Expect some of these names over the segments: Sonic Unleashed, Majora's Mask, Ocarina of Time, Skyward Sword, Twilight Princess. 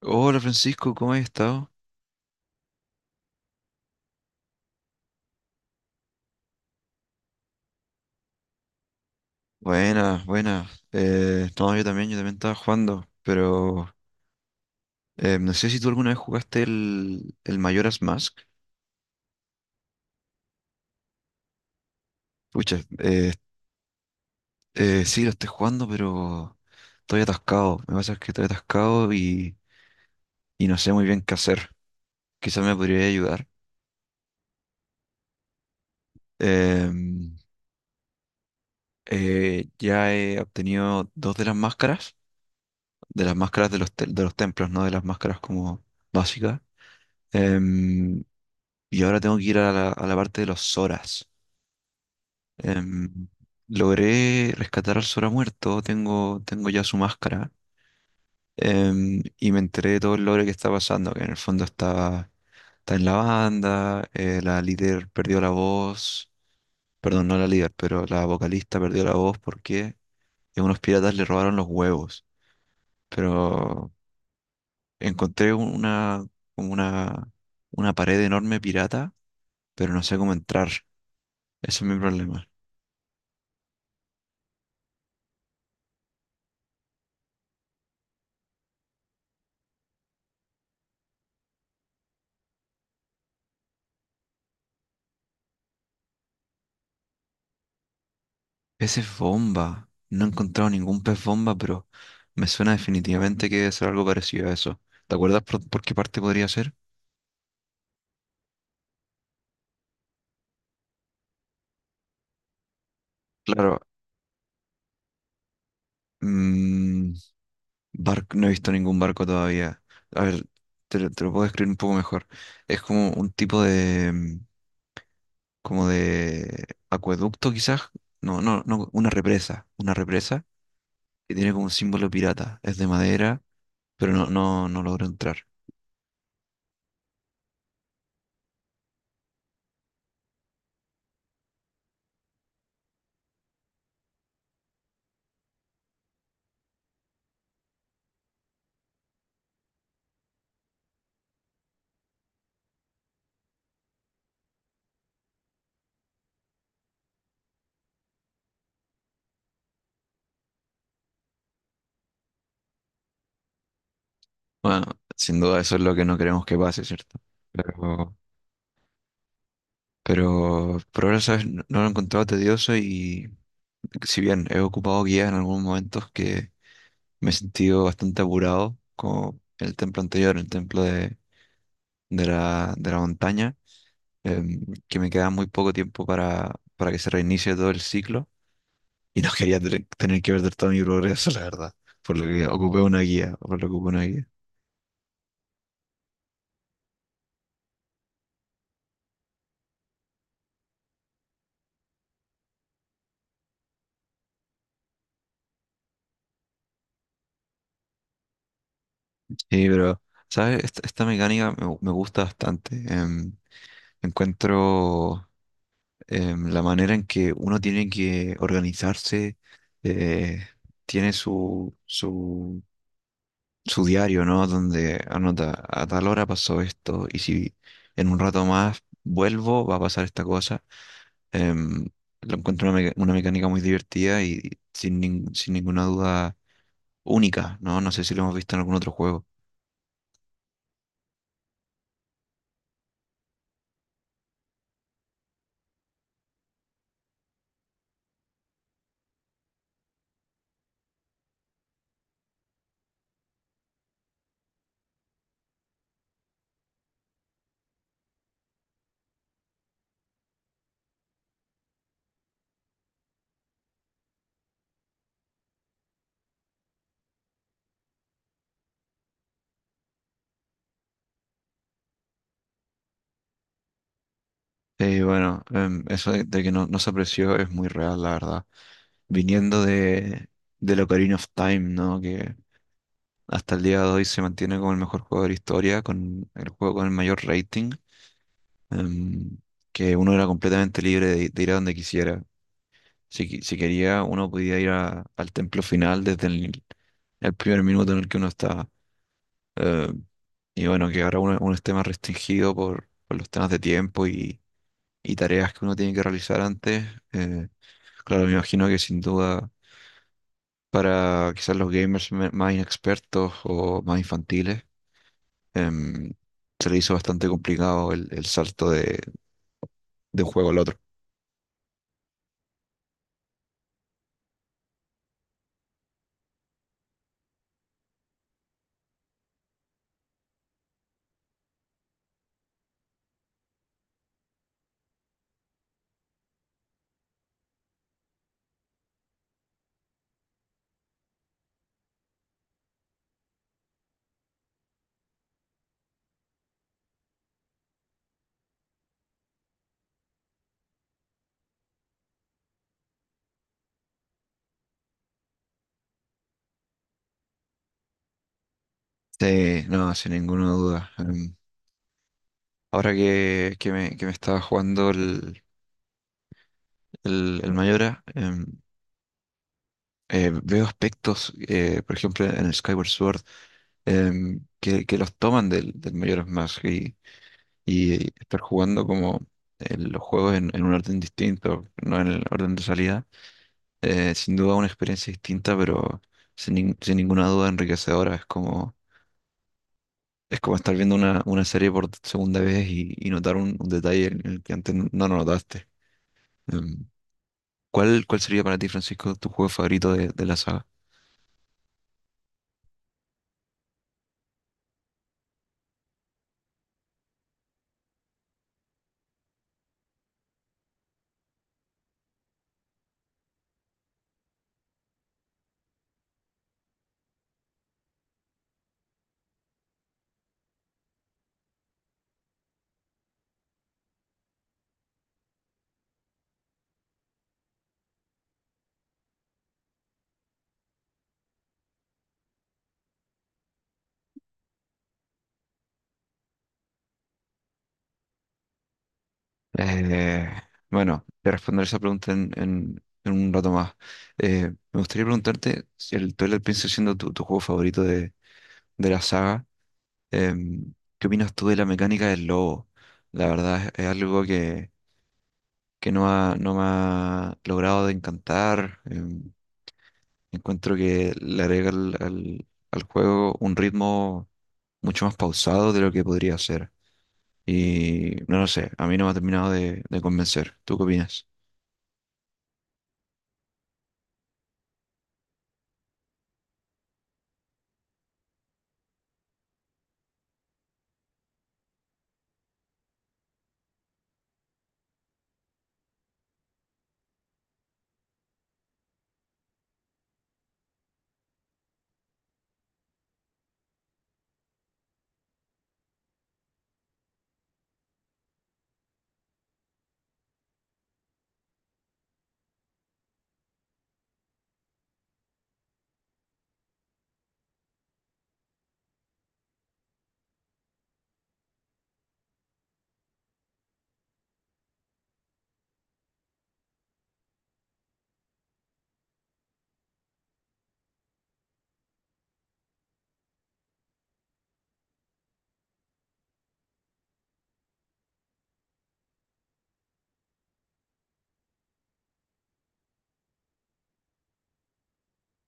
Hola Francisco, ¿cómo has estado? Buenas, buenas. No, yo también estaba jugando, pero no sé si tú alguna vez jugaste el Majora's Mask. Pucha, eh, sí, lo estoy jugando, pero estoy atascado. Me pasa que estoy atascado y no sé muy bien qué hacer. Quizás me podría ayudar. Em, ya he obtenido dos de las máscaras, de las máscaras de de los templos, no de las máscaras como básicas. Em, Y ahora tengo que ir a a la parte de los Zoras. Em, logré rescatar al Zora muerto, tengo ya su máscara. Y me enteré de todo el lore que está pasando, que en el fondo está en la banda. La líder perdió la voz, perdón, no la líder, pero la vocalista perdió la voz porque unos piratas le robaron los huevos. Pero encontré una, como una pared enorme pirata, pero no sé cómo entrar. Ese es mi problema. Peces bomba. No he encontrado ningún pez bomba, pero me suena definitivamente que debe ser algo parecido a eso. ¿Te acuerdas por qué parte podría ser? Claro, mm, barco, no he visto ningún barco todavía. A ver, te lo puedo describir un poco mejor. Es como un tipo de, mm, como de acueducto quizás. No, no, no, una represa. Una represa que tiene como un símbolo pirata. Es de madera, pero no logro entrar. Bueno, sin duda eso es lo que no queremos que pase, ¿cierto? Pero Pero por ahora, ¿sabes? No, no lo he encontrado tedioso, y si bien he ocupado guías en algunos momentos que me he sentido bastante apurado, como el templo anterior, el templo de de la montaña, que me queda muy poco tiempo para que se reinicie todo el ciclo, y no quería tener que perder todo mi progreso, la verdad, por lo que ocupé una guía. Sí, pero, ¿sabes? Esta mecánica me gusta bastante. Encuentro... la manera en que uno tiene que organizarse, eh, tiene su diario, ¿no? Donde anota, a tal hora pasó esto, y si en un rato más vuelvo, va a pasar esta cosa. Em, lo encuentro una mecánica muy divertida y sin ninguna duda única, ¿no? No sé si lo hemos visto en algún otro juego. Eso de que no se apreció es muy real, la verdad. Viniendo de Ocarina of Time, ¿no? Que hasta el día de hoy se mantiene como el mejor juego de la historia, con el juego con el mayor rating, em, que uno era completamente libre de ir a donde quisiera. Si quería, uno podía ir al templo final desde el primer minuto en el que uno estaba. Eh, y bueno, que ahora uno esté más restringido por los temas de tiempo y tareas que uno tiene que realizar antes. eh, claro, me imagino que sin duda para quizás los gamers más inexpertos o más infantiles, em, se le hizo bastante complicado el salto de un juego al otro. Sí, no, sin ninguna duda. Ahora que me estaba jugando el Mayora, veo aspectos, por ejemplo, en el Skyward Sword, que los toman del, del Majora's Mask y estar jugando como los juegos en un orden distinto, no en el orden de salida. Sin duda una experiencia distinta, pero sin ninguna duda enriquecedora. Es como estar viendo una serie por segunda vez y notar un detalle en el que antes no notaste. Em, ¿Cuál, cuál sería para ti, Francisco, tu juego favorito de la saga? Eh, bueno, te responderé esa pregunta en un rato más. Me gustaría preguntarte si el Twilight Princess, siendo tu, tu juego favorito de la saga, ¿qué opinas tú de la mecánica del lobo? La verdad es algo que no ha, no me ha logrado de encantar. Encuentro que le agrega al juego un ritmo mucho más pausado de lo que podría ser. Y no lo sé, a mí no me ha terminado de convencer. ¿Tú qué opinas?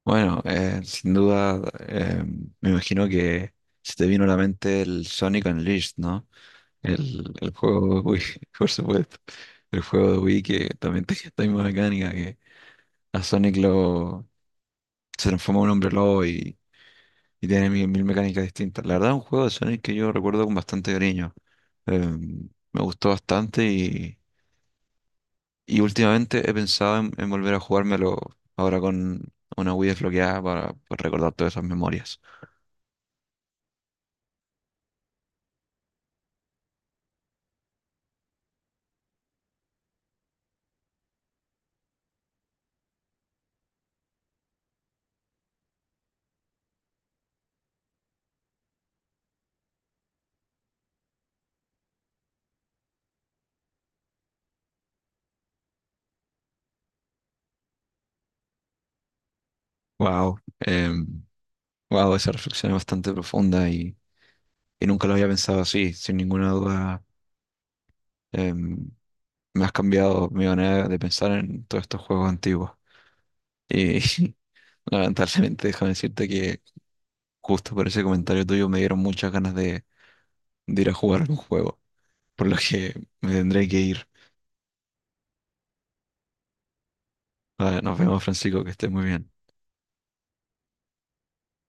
Bueno, sin duda, eh, me imagino que se te vino a la mente el Sonic Unleashed, ¿no? El juego de Wii, por supuesto. El juego de Wii que también tiene esta misma mecánica que a Sonic lo se transforma en un hombre lobo, y tiene mil mecánicas distintas. La verdad, es un juego de Sonic que yo recuerdo con bastante cariño. Eh, me gustó bastante y últimamente he pensado en volver a jugármelo ahora con una Wii desbloqueada para recordar todas esas memorias. Wow. Wow, esa reflexión es bastante profunda y nunca lo había pensado así. Sin ninguna duda, em, me has cambiado mi manera de pensar en todos estos juegos antiguos. Y lamentablemente, déjame decirte que justo por ese comentario tuyo me dieron muchas ganas de ir a jugar un juego, por lo que me tendré que ir. Ah, nos vemos, Francisco, que estés muy bien.